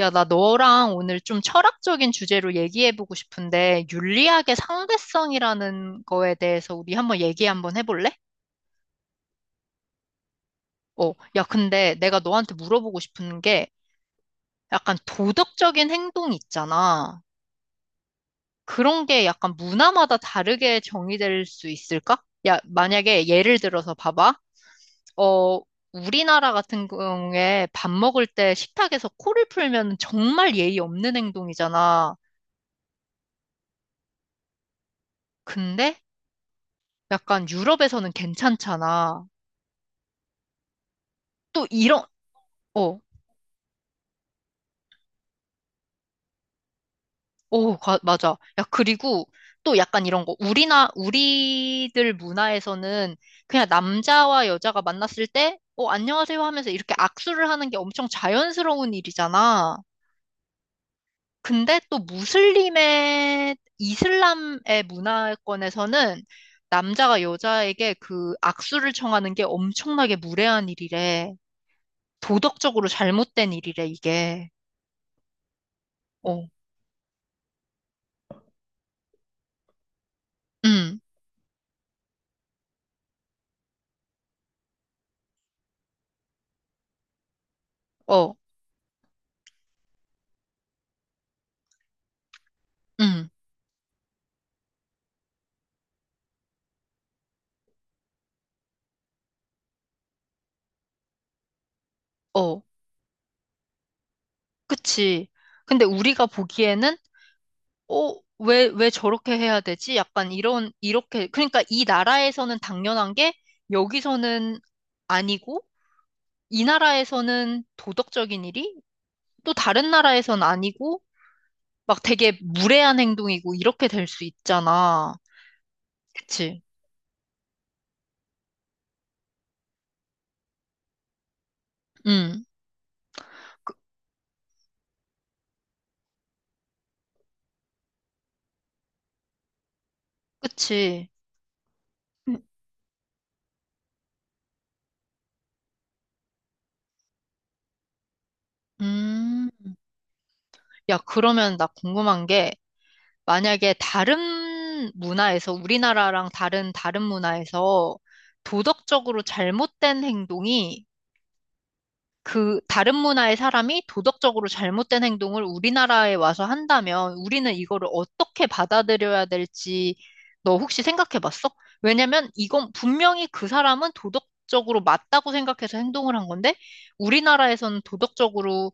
야, 나 너랑 오늘 좀 철학적인 주제로 얘기해보고 싶은데, 윤리학의 상대성이라는 거에 대해서 우리 한번 얘기 한번 해볼래? 야, 근데 내가 너한테 물어보고 싶은 게, 약간 도덕적인 행동 있잖아. 그런 게 약간 문화마다 다르게 정의될 수 있을까? 야, 만약에 예를 들어서 봐봐. 어, 우리나라 같은 경우에 밥 먹을 때 식탁에서 코를 풀면 정말 예의 없는 행동이잖아. 근데 약간 유럽에서는 괜찮잖아. 또 이런, 어, 맞아. 야, 그리고 또 약간 이런 거. 우리들 문화에서는 그냥 남자와 여자가 만났을 때, 안녕하세요 하면서 이렇게 악수를 하는 게 엄청 자연스러운 일이잖아. 근데 또 이슬람의 문화권에서는 남자가 여자에게 그 악수를 청하는 게 엄청나게 무례한 일이래. 도덕적으로 잘못된 일이래, 이게. 어. 음. 어, 응, 어, 그치. 근데 우리가 보기에는, 어, 왜 저렇게 해야 되지? 약간 이런, 이렇게. 그러니까 이 나라에서는 당연한 게, 여기서는 아니고, 이 나라에서는 도덕적인 일이, 또 다른 나라에선 아니고, 막 되게 무례한 행동이고, 이렇게 될 수 있잖아. 그치? 응, 그치. 음, 야, 그러면 나 궁금한 게, 만약에 다른 문화에서, 다른 문화에서 도덕적으로 잘못된 행동이 그 다른 문화의 사람이 도덕적으로 잘못된 행동을 우리나라에 와서 한다면 우리는 이거를 어떻게 받아들여야 될지 너 혹시 생각해 봤어? 왜냐면 이건 분명히 그 사람은 도덕적으로 맞다고 생각해서 행동을 한 건데 우리나라에서는 도덕적으로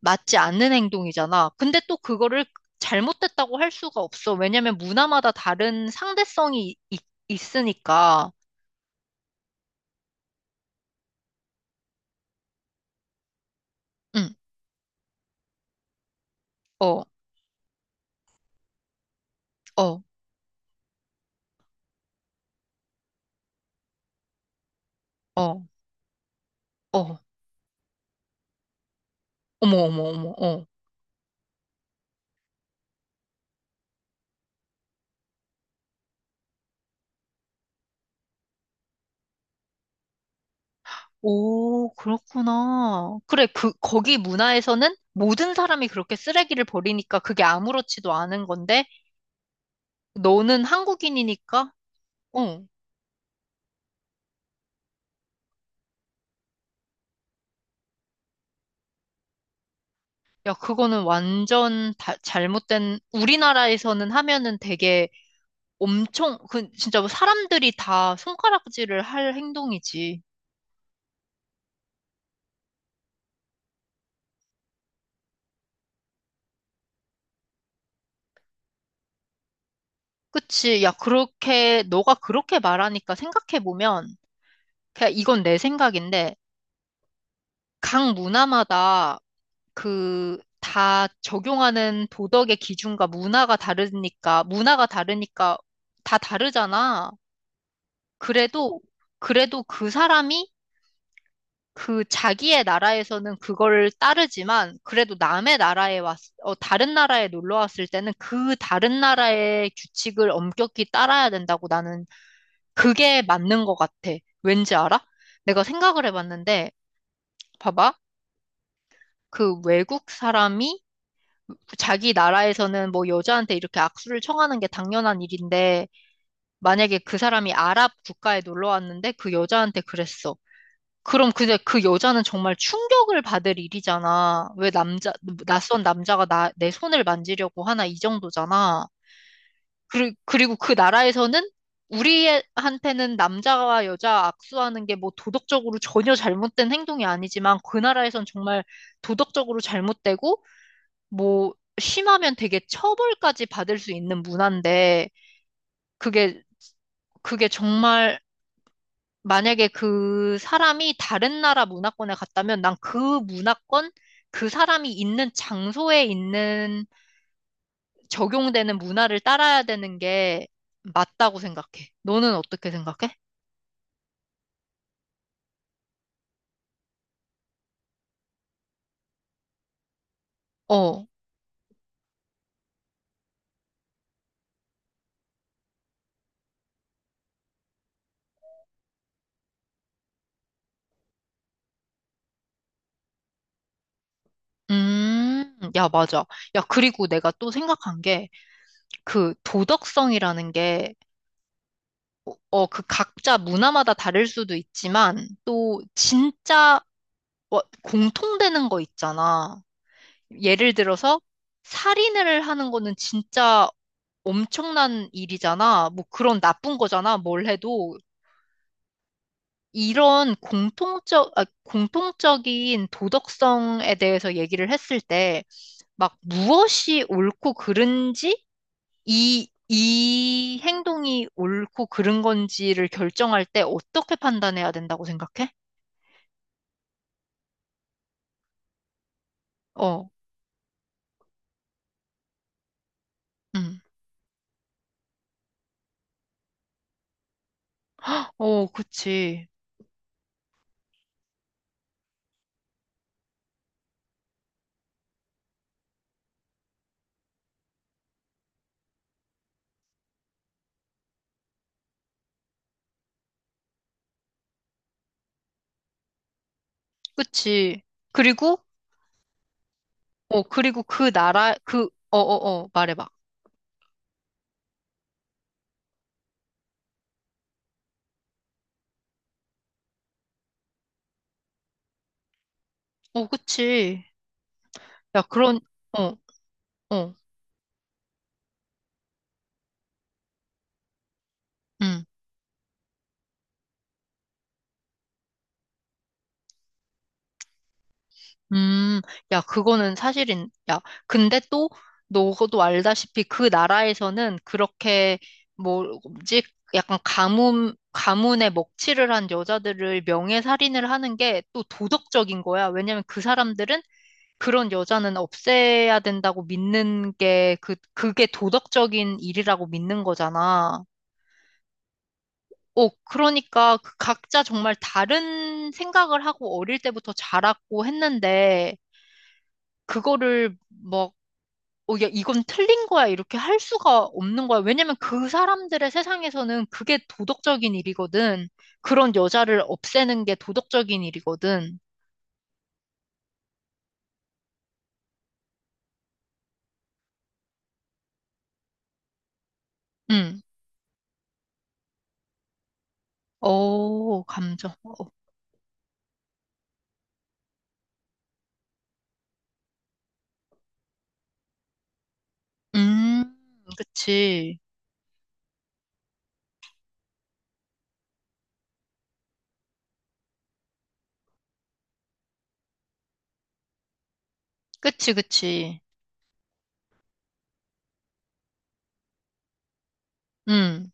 맞지 않는 행동이잖아. 근데 또 그거를 잘못됐다고 할 수가 없어. 왜냐면 문화마다 다른 상대성이 있으니까. 응, 어, 어, 어, 어. 어머, 어머, 어머, 어. 오, 그렇구나. 그래, 그, 거기 문화에서는 모든 사람이 그렇게 쓰레기를 버리니까 그게 아무렇지도 않은 건데, 너는 한국인이니까, 어. 야, 그거는 완전 다- 잘못된, 우리나라에서는 하면은 되게 엄청, 그, 진짜 뭐 사람들이 다 손가락질을 할 행동이지. 그치. 야, 그렇게, 너가 그렇게 말하니까 생각해보면, 그냥 이건 내 생각인데, 각 문화마다 그, 다 적용하는 도덕의 기준과 문화가 다르니까 다 다르잖아. 그래도, 그래도 그 사람이 그 자기의 나라에서는 그걸 따르지만 그래도 어, 다른 나라에 놀러 왔을 때는 그 다른 나라의 규칙을 엄격히 따라야 된다고 나는 그게 맞는 것 같아. 왠지 알아? 내가 생각을 해봤는데, 봐봐. 그 외국 사람이 자기 나라에서는 뭐 여자한테 이렇게 악수를 청하는 게 당연한 일인데, 만약에 그 사람이 아랍 국가에 놀러 왔는데 그 여자한테 그랬어. 그럼 근데 그 여자는 정말 충격을 받을 일이잖아. 낯선 남자가 나, 내 손을 만지려고 하나 이 정도잖아. 그리고 그 나라에서는 우리한테는 남자와 여자 악수하는 게 뭐 도덕적으로 전혀 잘못된 행동이 아니지만 그 나라에선 정말 도덕적으로 잘못되고 뭐 심하면 되게 처벌까지 받을 수 있는 문화인데 그게, 그게 정말 만약에 그 사람이 다른 나라 문화권에 갔다면 그 사람이 있는 장소에 있는 적용되는 문화를 따라야 되는 게 맞다고 생각해. 너는 어떻게 생각해? 어. 야, 맞아. 야, 그리고 내가 또 생각한 게, 그 도덕성이라는 게, 그 각자 문화마다 다를 수도 있지만, 또 진짜 공통되는 거 있잖아. 예를 들어서 살인을 하는 거는 진짜 엄청난 일이잖아. 뭐 그런 나쁜 거잖아. 뭘 해도. 공통적인 도덕성에 대해서 얘기를 했을 때, 막 무엇이 옳고 그른지, 이 행동이 옳고 그른 건지를 결정할 때 어떻게 판단해야 된다고 생각해? 어, 음. 어, 그치. 그치. 그리고 그리고 그 나라, 그, 어, 어, 어, 말해봐. 어, 그치. 야, 그런, 어, 어, 음, 음, 야, 야, 근데 또, 너도 알다시피 그 나라에서는 그렇게, 뭐, 뭐지, 약간 가문에 먹칠을 한 여자들을 명예살인을 하는 게 또 도덕적인 거야. 왜냐면 그 사람들은 그런 여자는 없애야 된다고 믿는 게, 그, 그게 도덕적인 일이라고 믿는 거잖아. 어, 그러니까 그 각자 정말 다른 생각을 하고 어릴 때부터 자랐고 했는데 그거를 뭐 어, 야, 이건 틀린 거야 이렇게 할 수가 없는 거야. 왜냐면 그 사람들의 세상에서는 그게 도덕적인 일이거든. 그런 여자를 없애는 게 도덕적인 일이거든. 응. 어, 감정. 어. 음, 그치. 그치, 그치. 응.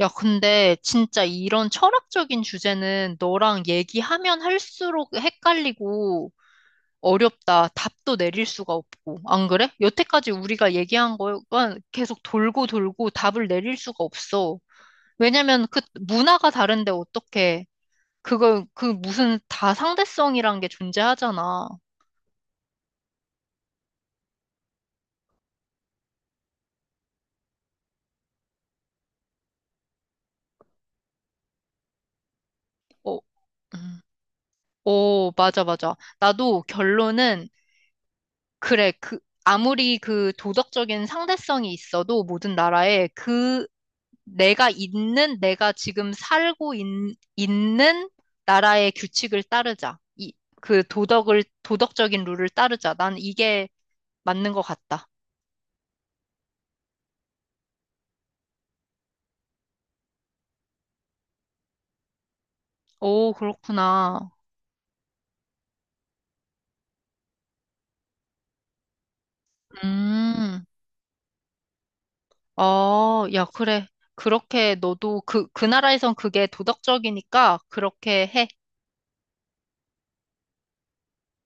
야, 근데 진짜 이런 철학적인 주제는 너랑 얘기하면 할수록 헷갈리고 어렵다. 답도 내릴 수가 없고. 안 그래? 여태까지 우리가 얘기한 거가 계속 돌고 돌고 답을 내릴 수가 없어. 왜냐면 그 문화가 다른데 어떻게 그걸 그 무슨 다상대성이란 게 존재하잖아. 어, 음. 오, 맞아, 맞아. 나도 결론은 그래. 그 아무리 그 도덕적인 상대성이 있어도 모든 나라에 그 내가 있는 나라의 규칙을 따르자. 이, 도덕적인 룰을 따르자. 난 이게 맞는 것 같다. 오, 그렇구나. 음, 어, 야, 그래. 그렇게 너도 그, 그 나라에선 그게 도덕적이니까 그렇게 해.